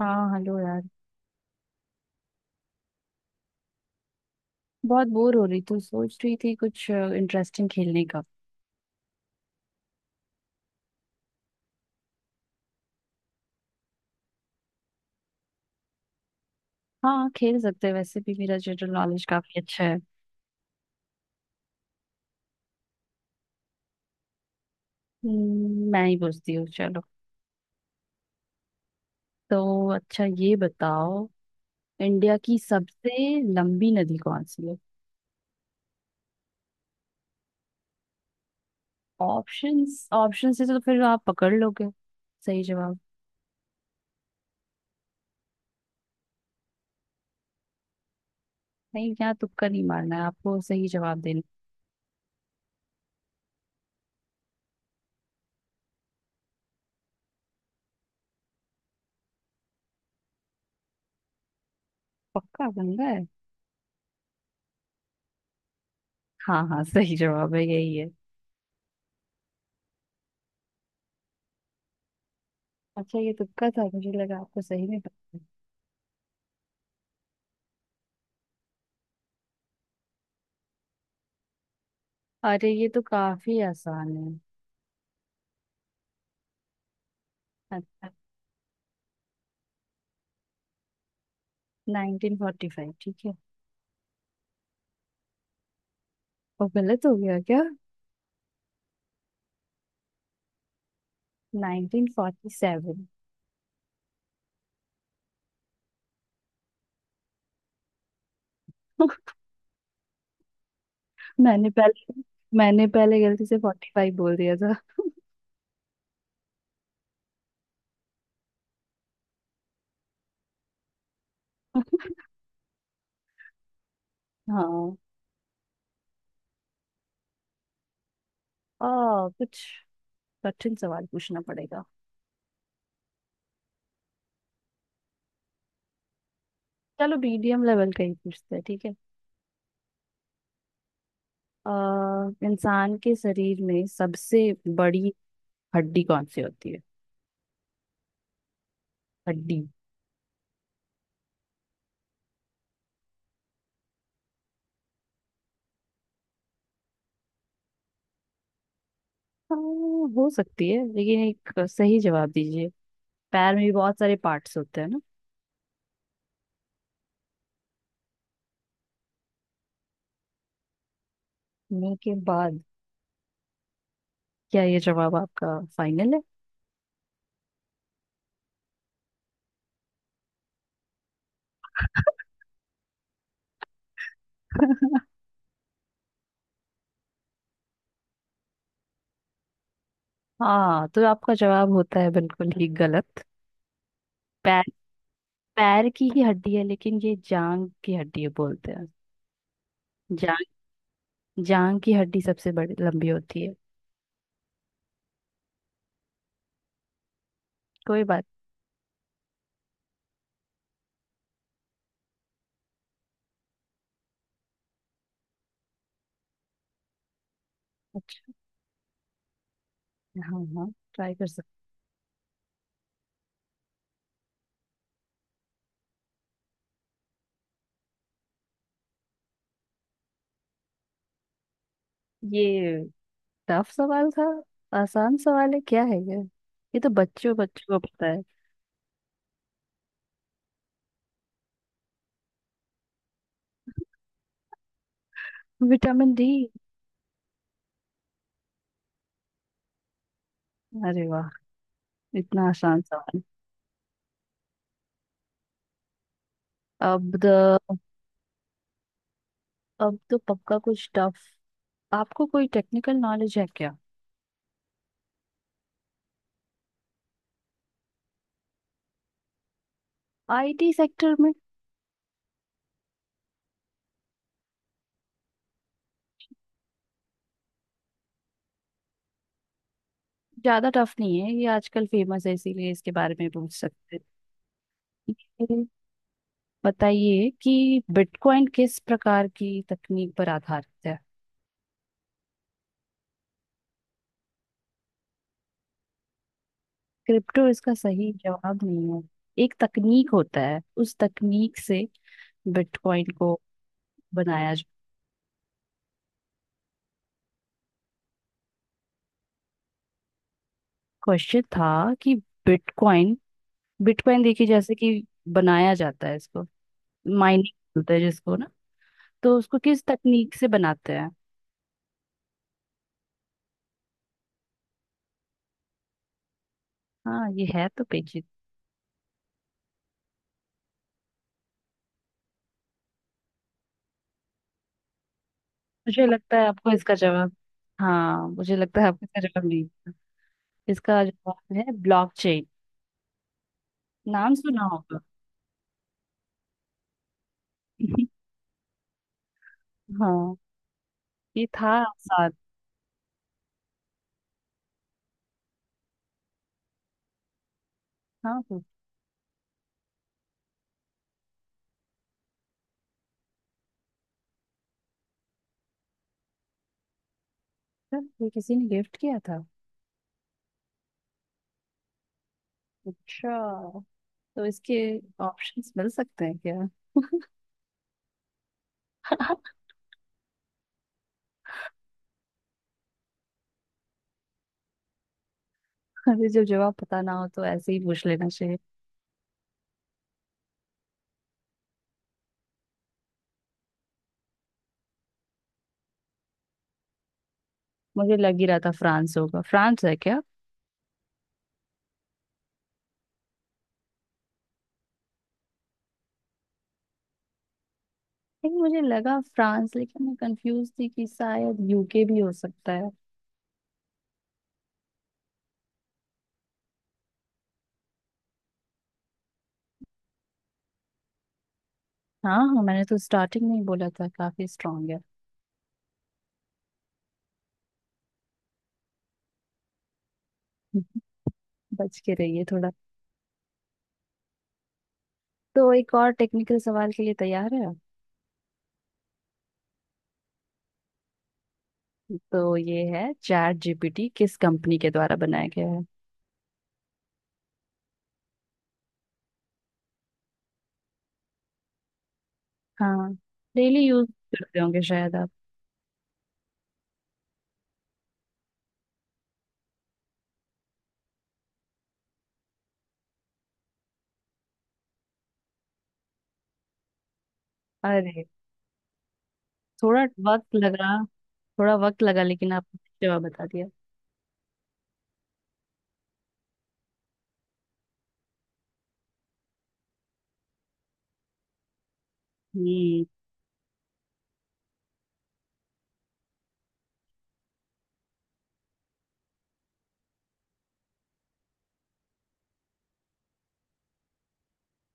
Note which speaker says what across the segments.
Speaker 1: हाँ हेलो यार। बहुत बोर हो रही थी, सोच रही थी कुछ इंटरेस्टिंग खेलने का। हाँ खेल सकते हैं, वैसे भी मेरा जनरल नॉलेज काफी अच्छा है। मैं ही पूछती हूँ, चलो। तो अच्छा ये बताओ, इंडिया की सबसे लंबी नदी कौन सी है? ऑप्शंस? ऑप्शन से तो फिर आप पकड़ लोगे सही जवाब। नहीं, यहाँ तुक्का नहीं मारना है, आपको सही जवाब देना। पक्का गंगा है। हाँ हाँ, सही जवाब है, यही है। अच्छा, ये तुक्का था, मुझे लगा आपको सही में पता है। अरे ये तो काफी आसान है। अच्छा, 1945 ठीक है। और गलत हो गया क्या? 1947। मैंने पहले, मैंने पहले गलती से 45 बोल दिया था। हाँ। कुछ कठिन सवाल पूछना पड़ेगा। चलो मीडियम लेवल का ही पूछते हैं ठीक है। आ, इंसान के शरीर में सबसे बड़ी हड्डी कौन सी होती है? हड्डी। हो सकती है, लेकिन एक सही जवाब दीजिए। पैर में भी बहुत सारे पार्ट्स होते हैं ना। मुंह के बाद? क्या ये जवाब आपका फाइनल है? हाँ तो आपका जवाब होता है बिल्कुल ही गलत। पैर, पैर की ही हड्डी है, लेकिन ये जांग की हड्डी है बोलते हैं। जांग। जांग की हड्डी सबसे बड़ी लंबी होती है। कोई बात। अच्छा, हाँ हाँ ट्राई कर सकते। ये टफ सवाल था। आसान सवाल है क्या है ये? ये तो बच्चों बच्चों को पता है। Vitamin D. अरे वाह, इतना आसान सवाल। अब द, अब तो पक्का कुछ टफ। आपको कोई टेक्निकल नॉलेज है क्या? आईटी सेक्टर में। ज्यादा टफ नहीं है, ये आजकल फेमस है, इसीलिए इसके बारे में पूछ सकते हैं। ये बताइए कि बिटकॉइन किस प्रकार की तकनीक पर आधारित है? क्रिप्टो इसका सही जवाब नहीं है। एक तकनीक होता है, उस तकनीक से बिटकॉइन को बनाया जा। क्वेश्चन था कि बिटकॉइन, बिटकॉइन देखिए, जैसे कि बनाया जाता है इसको माइनिंग बोलते हैं जिसको ना, तो उसको किस तकनीक से बनाते हैं? हाँ ये है तो पेचीदा। मुझे लगता है आपको इसका जवाब, हाँ मुझे लगता है आपको इसका जवाब नहीं पता। इसका जवाब है ब्लॉकचेन। नाम सुना होगा। हाँ, ये था आसान। हाँ पूछा। ये किसी ने गिफ्ट किया था? अच्छा, तो इसके ऑप्शंस मिल सकते हैं क्या? अरे जब जवाब पता ना हो तो ऐसे ही पूछ लेना चाहिए। मुझे लग ही रहा था फ्रांस होगा, फ्रांस है क्या? लेकिन मुझे लगा फ्रांस, लेकिन मैं कंफ्यूज थी कि शायद यूके भी हो सकता है। हाँ हाँ, मैंने तो स्टार्टिंग में ही बोला था, काफी स्ट्रांग है। बच के रहिए थोड़ा। तो एक और टेक्निकल सवाल के लिए तैयार है आप? तो ये है, चैट जीपीटी किस कंपनी के द्वारा बनाया गया है? हाँ, डेली यूज करते होंगे शायद आप। अरे थोड़ा वक्त लगा, थोड़ा वक्त लगा, लेकिन आपने जवाब बता दिया। हम्म।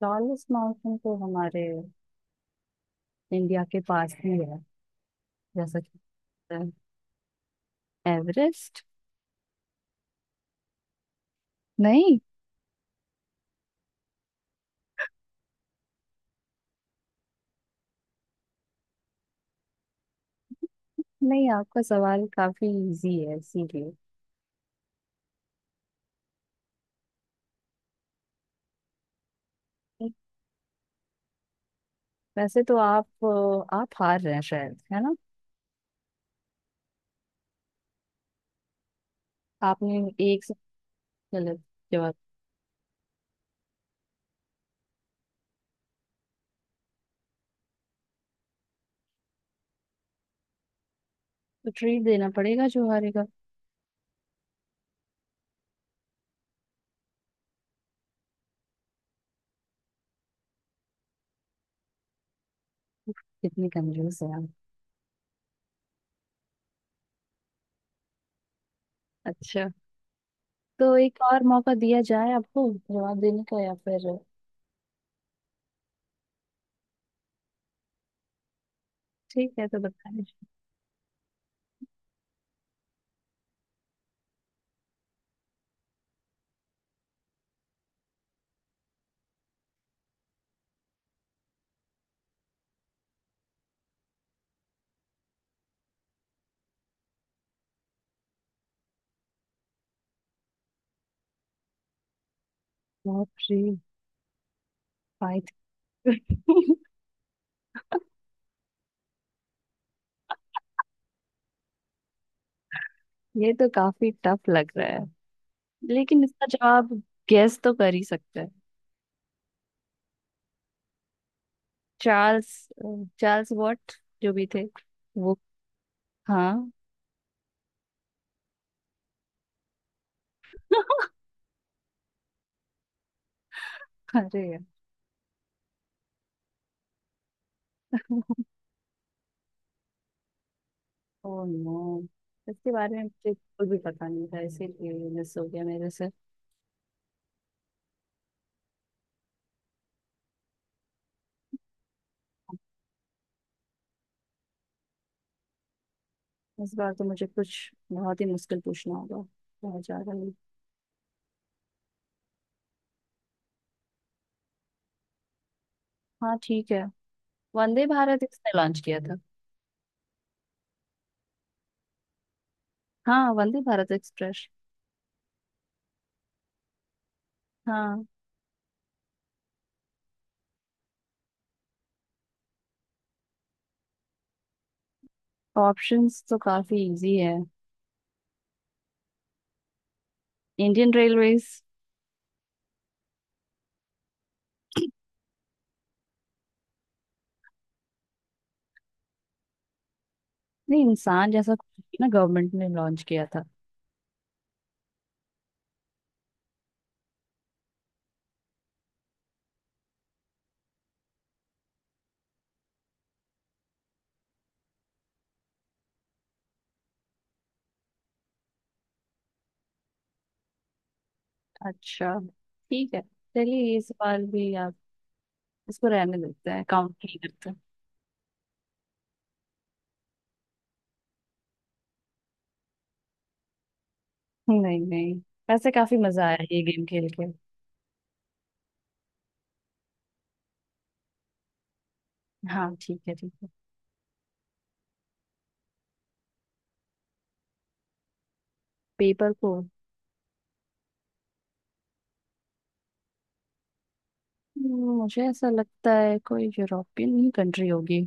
Speaker 1: टॉलेस्ट माउंटेन तो हमारे इंडिया के पास ही है, जैसा कि पता है। एवरेस्ट। नहीं, नहीं, आपका सवाल काफी इजी है इसीलिए। वैसे तो आप हार रहे हैं शायद, है ना? आपने एक गलत जवाब। तो ट्रीट देना पड़ेगा जो हारेगा। कितनी कंजूस है आप। अच्छा, तो एक और मौका दिया जाए आपको जवाब देने का या फिर? ठीक है तो बताएं। बहुत फ्री फाइट। ये तो काफी टफ लग रहा है, लेकिन इसका जवाब गेस तो कर ही सकते हैं। चार्ल्स, चार्ल्स वॉट जो भी थे, वो। हाँ। अरे यार, ओ नो, इसके बारे में मुझे बिल्कुल भी पता नहीं था, इसीलिए मिस हो गया मेरे से। इस बार तो मुझे कुछ बहुत ही मुश्किल पूछना होगा, बहुत ज्यादा ही। हाँ ठीक है। वंदे भारत इसने लॉन्च किया था। हाँ, वंदे भारत एक्सप्रेस। हाँ। ऑप्शंस तो काफी इजी है। Indian railways. नहीं, इंसान जैसा कुछ ना, गवर्नमेंट ने लॉन्च किया था। अच्छा ठीक है, चलिए ये सवाल भी आप, इसको रहने देते हैं, काउंट नहीं करते। नहीं नहीं, वैसे काफी मजा आया ये गेम खेल के। हाँ ठीक है, ठीक है। पेपर को? मुझे ऐसा लगता है कोई यूरोपियन ही कंट्री होगी।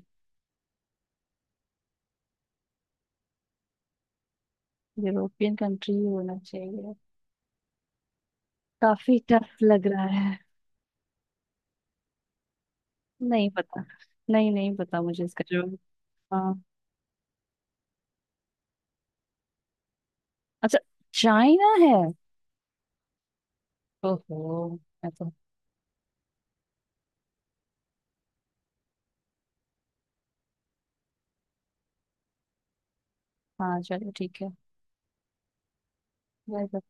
Speaker 1: यूरोपियन कंट्री ही होना चाहिए। काफी टफ लग रहा है। नहीं पता, नहीं नहीं पता मुझे इसका जवाब। हाँ। अच्छा, चाइना है? ओहो, मैं तो। हाँ चलो ठीक है। मैं तो-